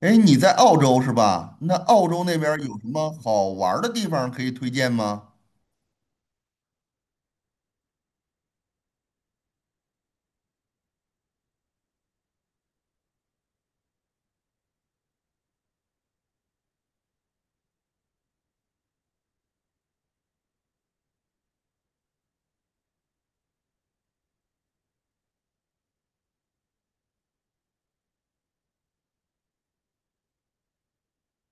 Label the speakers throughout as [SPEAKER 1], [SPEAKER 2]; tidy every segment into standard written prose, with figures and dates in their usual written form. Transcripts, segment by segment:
[SPEAKER 1] 哎，你在澳洲是吧？那澳洲那边儿有什么好玩儿的地方可以推荐吗？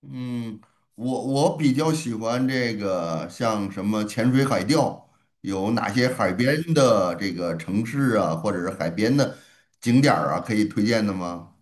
[SPEAKER 1] 嗯，我比较喜欢这个，像什么潜水、海钓，有哪些海边的这个城市啊，或者是海边的景点儿啊，可以推荐的吗？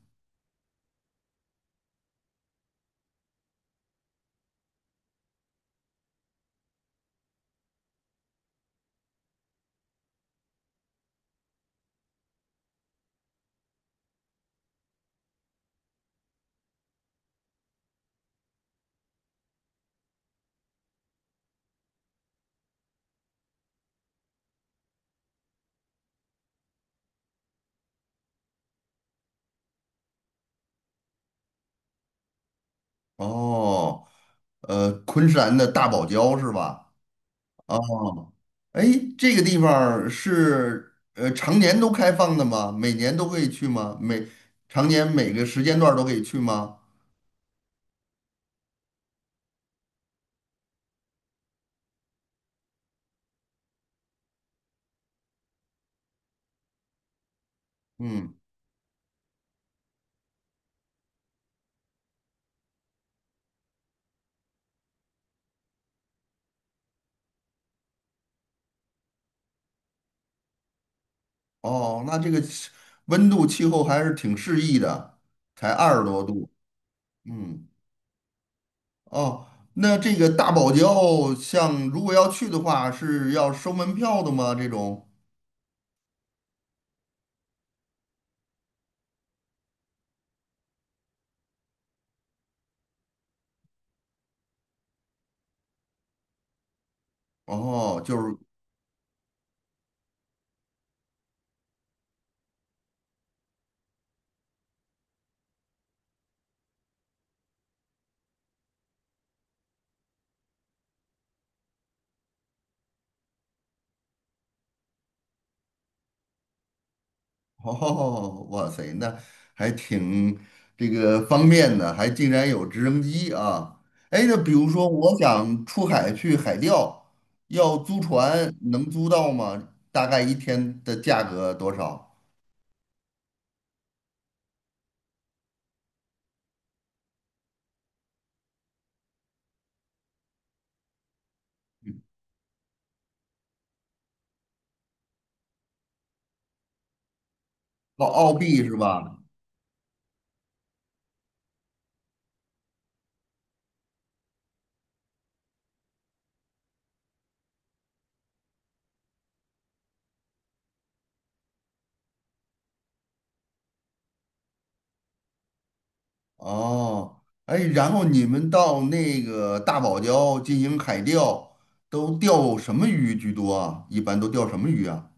[SPEAKER 1] 哦，昆山的大堡礁是吧？哦，哎，这个地方儿是常年都开放的吗？每年都可以去吗？常年每个时间段儿都可以去吗？嗯，哦，那这个温度气候还是挺适宜的，才20多度。嗯，哦，那这个大堡礁，像如果要去的话，是要收门票的吗？这种？哦，就是，哦，哇塞，那还挺这个方便的，还竟然有直升机啊！哎，那比如说我想出海去海钓，要租船，能租到吗？大概一天的价格多少？澳币是吧？哦，哎，然后你们到那个大堡礁进行海钓，都钓什么鱼居多啊？一般都钓什么鱼啊？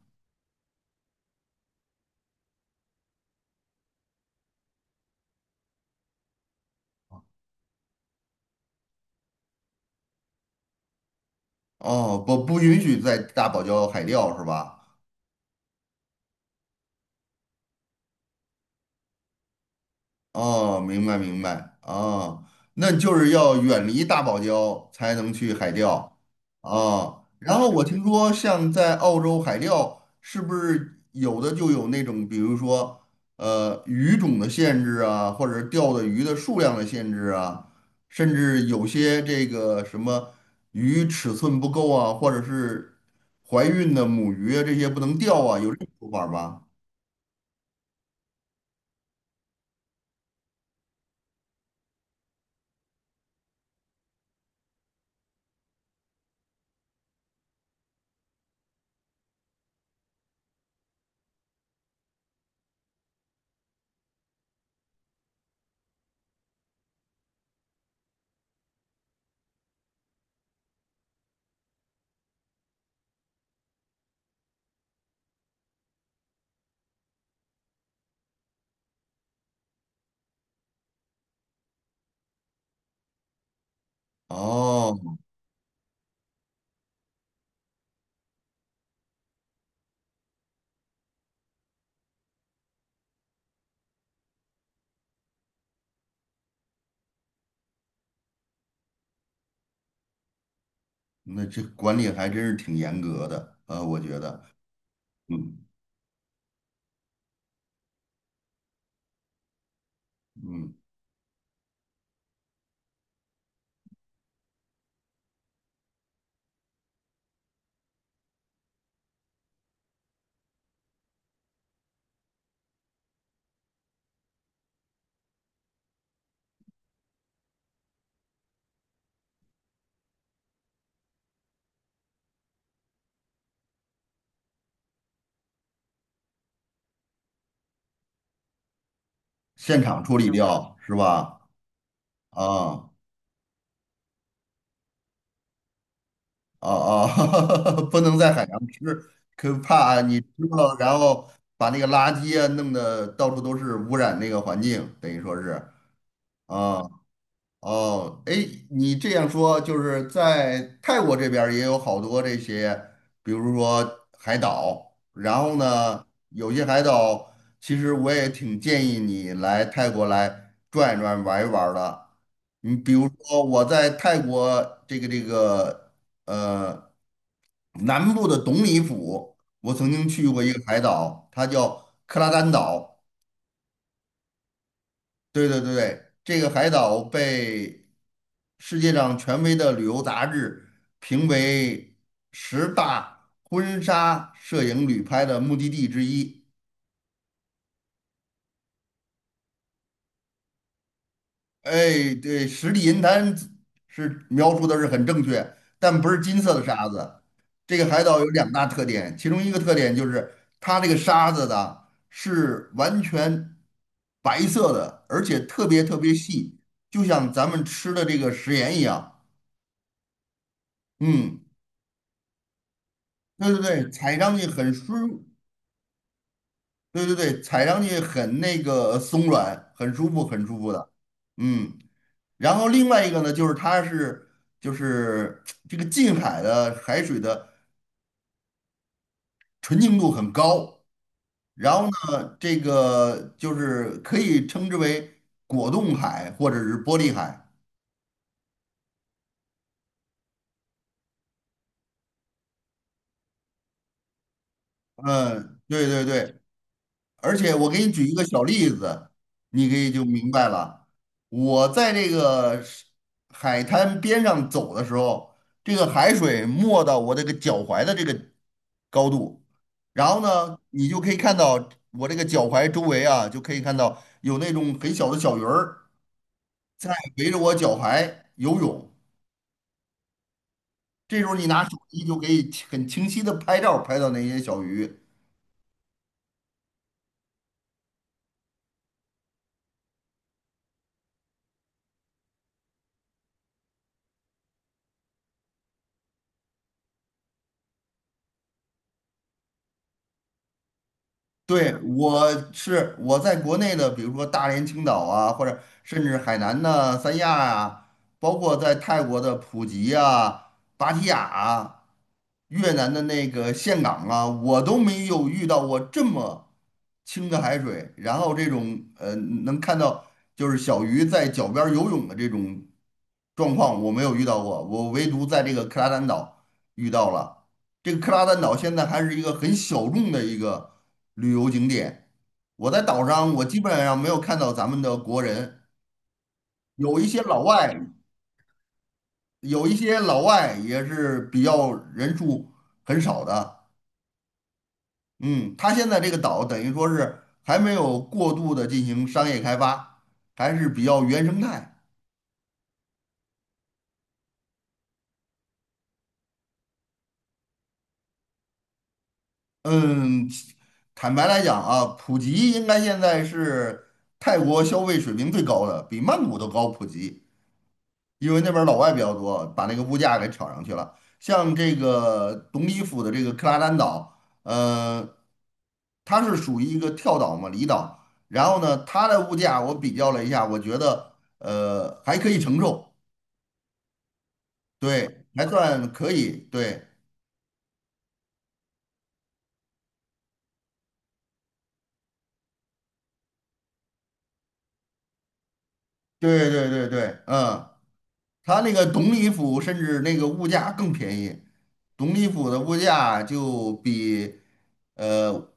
[SPEAKER 1] 哦，不，不允许在大堡礁海钓是吧？哦，明白明白，哦，那就是要远离大堡礁才能去海钓，啊。然后我听说像在澳洲海钓是不是有的就有那种，比如说鱼种的限制啊，或者钓的鱼的数量的限制啊，甚至有些这个什么鱼尺寸不够啊，或者是怀孕的母鱼啊这些不能钓啊，有这种说法吧？哦。那这管理还真是挺严格的，我觉得，嗯嗯，现场处理掉是吧？啊啊啊，不能在海洋吃，可怕你吃了然后把那个垃圾啊弄得到处都是，污染那个环境，等于说是啊。哦，哎，你这样说，就是在泰国这边儿也有好多这些，比如说海岛，然后呢，有些海岛其实我也挺建议你来泰国来转一转、玩一玩儿的。你比如说我在泰国这个呃南部的董里府，我曾经去过一个海岛，它叫克拉丹岛。对对对对，这个海岛被世界上权威的旅游杂志评为十大婚纱摄影旅拍的目的地之一。哎，对，十里银滩是描述的是很正确，但不是金色的沙子。这个海岛有两大特点，其中一个特点就是它这个沙子的是完全白色的，而且特别特别细，就像咱们吃的这个食盐一样。嗯。对对对，踩上去很舒，对对对，踩上去很那个松软，很舒服，很舒服的。嗯，然后另外一个呢，就是就是这个近海的海水的纯净度很高，然后呢，这个就是可以称之为果冻海或者是玻璃海。嗯，对对对，而且我给你举一个小例子，你可以就明白了。我在海滩边上走的时候，这个海水没到我这个脚踝的这个高度，然后呢，你就可以看到我这个脚踝周围啊，就可以看到有那种很小的小鱼儿在围着我脚踝游泳。这时候你拿手机就可以很清晰的拍照，拍到那些小鱼。对，我在国内的，比如说大连、青岛啊，或者甚至海南的三亚啊，包括在泰国的普吉啊、芭提雅啊，越南的那个岘港啊，我都没有遇到过这么清的海水，然后这种能看到就是小鱼在脚边儿游泳的这种状况，我没有遇到过，我唯独在这个克拉丹岛遇到了。这个克拉丹岛现在还是一个很小众的一个旅游景点，我基本上没有看到咱们的国人，有一些老外，有一些老外也是比较人数很少的。嗯，它现在这个岛等于说是还没有过度的进行商业开发，还是比较原生态。嗯，坦白来讲啊，普吉应该现在是泰国消费水平最高的，比曼谷都高普及，因为那边儿老外比较多，把那个物价给炒上去了。像这个东里府的这个克拉丹岛，呃，它是属于一个跳岛嘛，离岛。然后呢，它的物价我比较了一下，我觉得还可以承受。对，还算可以，对，对对对对，嗯，他那个董里府甚至那个物价更便宜，董里府的物价就比呃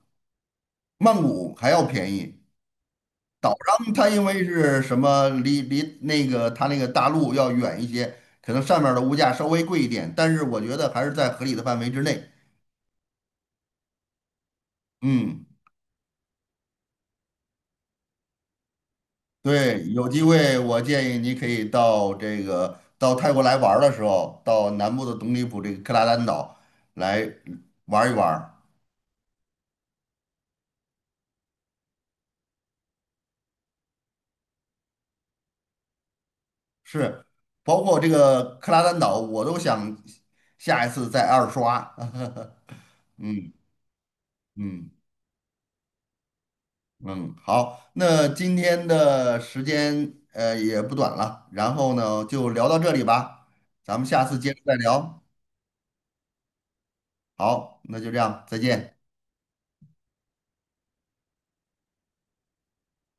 [SPEAKER 1] 曼谷还要便宜。岛上它因为是什么离那个它那个大陆要远一些，可能上面儿的物价稍微贵一点，但是我觉得还是在合理的范围之内。嗯。对，有机会我建议你可以到到泰国来玩儿的时候，到南部的董里普这个克拉丹岛来玩儿一玩儿。是，包括这个克拉丹岛，我都想下一次再二刷。嗯嗯嗯，好，那今天的时间也不短了，然后呢就聊到这里吧，咱们下次接着再聊。好，那就这样，再见。